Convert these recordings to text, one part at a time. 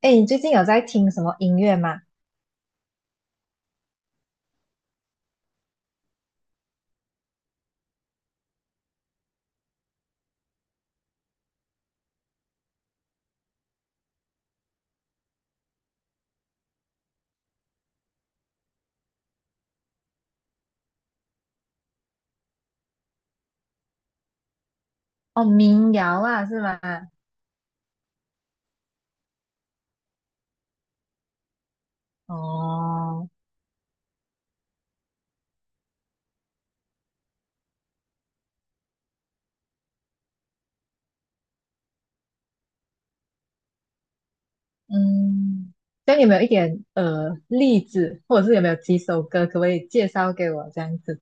哎，你最近有在听什么音乐吗？哦，民谣啊，是吗？哦，嗯，这样有没有一点例子，或者是有没有几首歌，可不可以介绍给我这样子？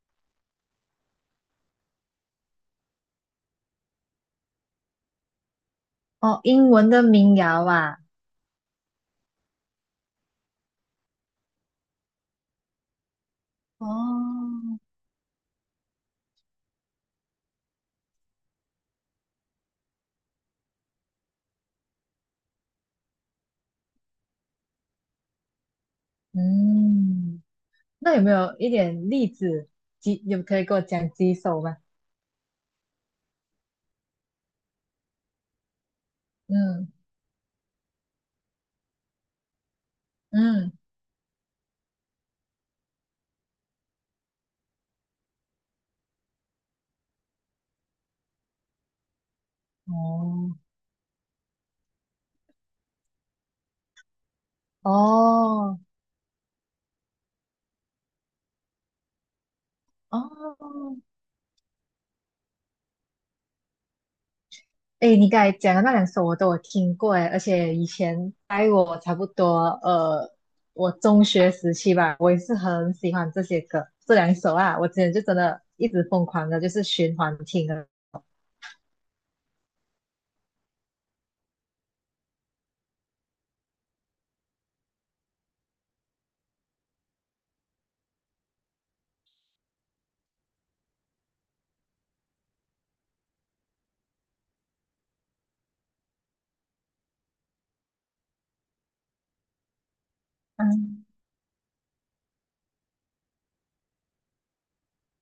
哦，英文的民谣啊，哦，嗯，那有没有一点例子，有可以给我讲几首吗？嗯嗯，哦哦哦，哎，你刚才讲的那两首我都有听过哎，而且以前在我差不多呃，我中学时期吧，我也是很喜欢这些歌，这两首啊，我之前就真的一直疯狂的，就是循环听的。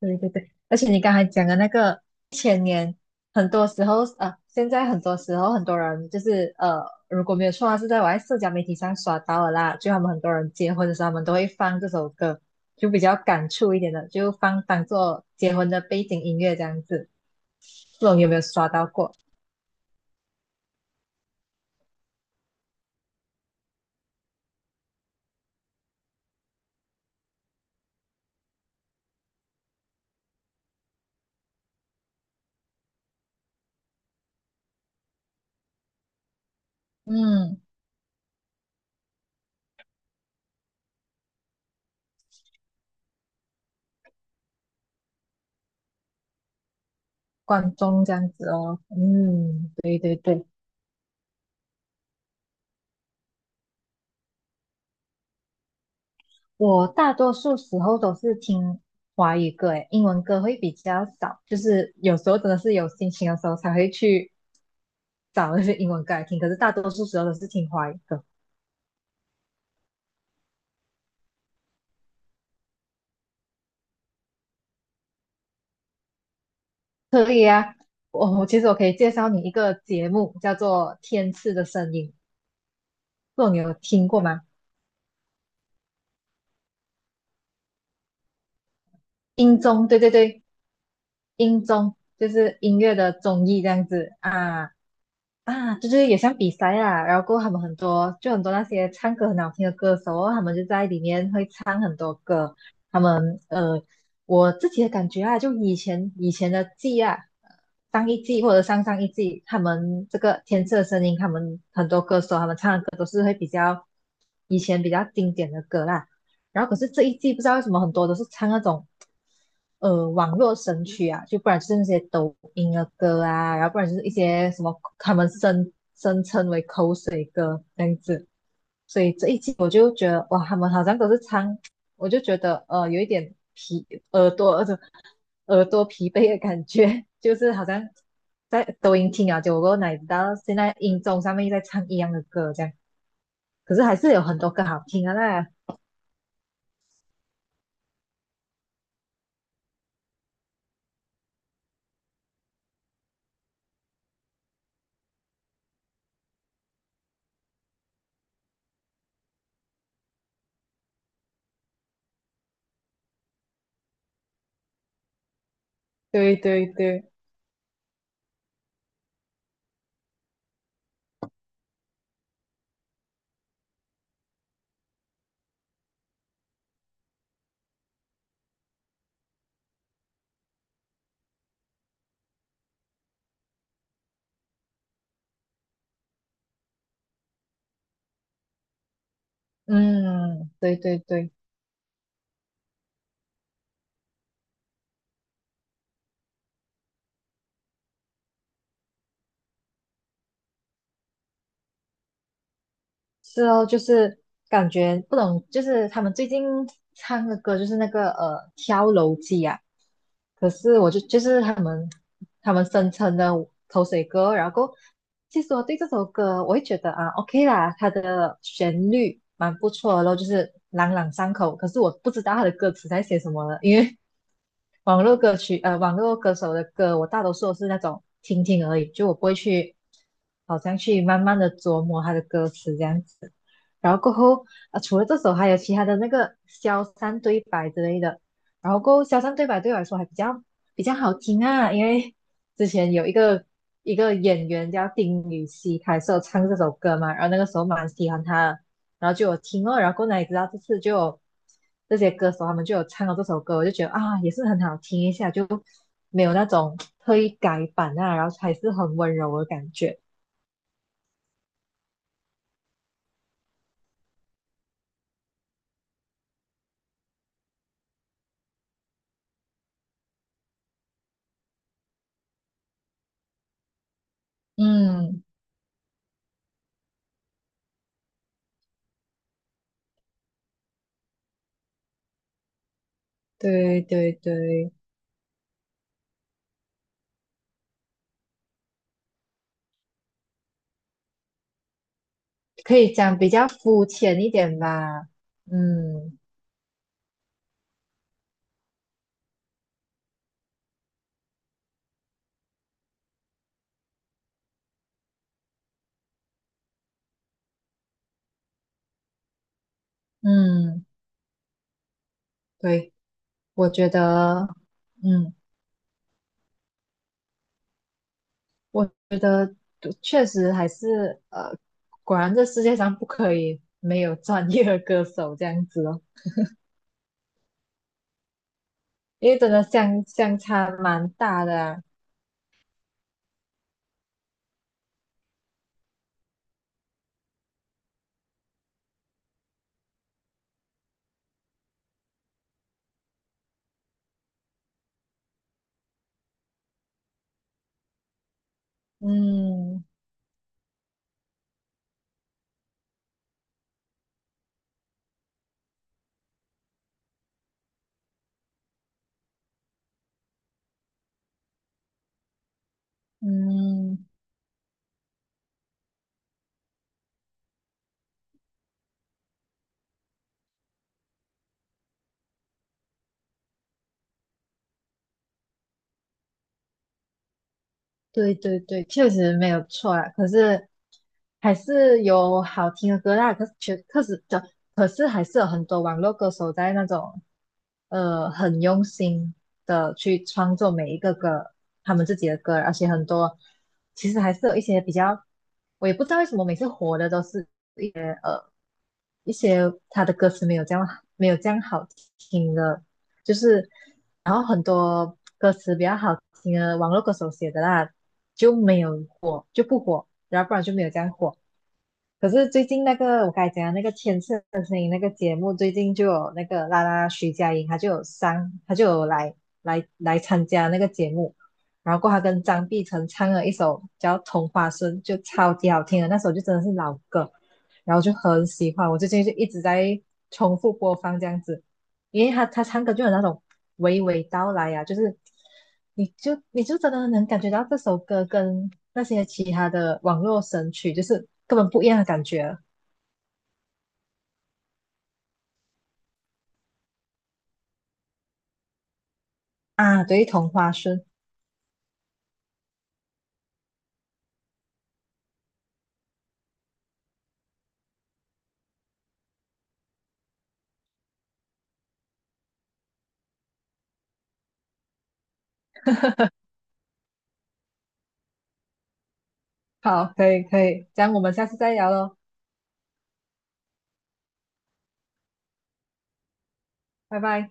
对对对，而且你刚才讲的那个前年，很多时候啊现在很多时候很多人就是如果没有错啊是在我在社交媒体上刷到的啦，就他们很多人结婚的时候，他们都会放这首歌，就比较感触一点的，就放当做结婚的背景音乐这样子。不懂有没有刷到过？嗯，观众这样子哦。嗯，对对对。我大多数时候都是听华语歌，诶，英文歌会比较少，就是有时候真的是有心情的时候才会去找那些英文歌来听，可是大多数时候都是听华语歌。我其实我可以介绍你一个节目，叫做《天赐的声音》，不知道你有听过吗？音综，对对对，音综就是音乐的综艺这样子啊。啊，就是也像比赛啦，然后过后他们很多就很多那些唱歌很好听的歌手哦他们就在里面会唱很多歌。他们我自己的感觉啊，就以前的季啊，上一季或者上上一季，他们这个天赐的声音，他们很多歌手他们唱的歌都是会比较以前比较经典的歌啦。然后可是这一季不知道为什么很多都是唱那种网络神曲啊，就不然就是那些抖音的歌啊，然后不然就是一些什么他们生这样子。所以这一季我就觉得哇，他们好像都是唱，我就觉得有一点疲耳朵耳朵 耳朵疲惫的感觉，就是好像在抖音听啊，结果哪知道现在音综上面又在唱一样的歌这样，可是还是有很多歌好听啊那。对对对，嗯，对对对。是哦，就是感觉不懂，就是他们最近唱的歌就是那个《跳楼机》啊，可是我就是他们声称的口水歌，然后其实我对这首歌我会觉得啊 OK 啦，它的旋律蛮不错的咯，就是朗朗上口，可是我不知道它的歌词在写什么了，因为网络歌曲，网络歌手的歌，我大多数都是那种听听而已，就我不会去，好像去慢慢的琢磨他的歌词这样子。然后过后，啊，除了这首，还有其他的那个消散对白之类的。然后过后，消散对白对我来说还比较好听啊，因为之前有一个演员叫丁禹兮，他也是有唱这首歌嘛，然后那个时候蛮喜欢他的，然后就有听哦，然后过来也知道这次就有这些歌手他们就有唱了这首歌，我就觉得啊也是很好听一下，就没有那种特意改版啊，然后还是很温柔的感觉。嗯，对对对，可以讲比较肤浅一点吧。嗯嗯，对，我觉得，嗯，我觉得确实还是果然这世界上不可以没有专业的歌手这样子哦。因为真的相差蛮大的啊。嗯嗯，对对对，确实没有错啦。可是还是有好听的歌啦，可是确可是的，可是还是有很多网络歌手在那种很用心的去创作每一个歌，他们自己的歌，而且很多其实还是有一些比较，我也不知道为什么每次火的都是一些他的歌词没有这样好听的，就是然后很多歌词比较好听的网络歌手写的啦，就没有火就不火，然后不然就没有这样火。可是最近那个我刚才讲的那个天赐的声音那个节目，最近就有那个啦徐佳莹，她就有上，她就有来参加那个节目，然后过后她跟张碧晨唱了一首叫《同花顺》，就超级好听的，那首就真的是老歌，然后就很喜欢，我最近就一直在重复播放这样子。因为他唱歌就有那种娓娓道来啊，就是你就真的能感觉到这首歌跟那些其他的网络神曲就是根本不一样的感觉啊。啊对，同花顺，好，可以可以，这样我们下次再聊喽，拜拜。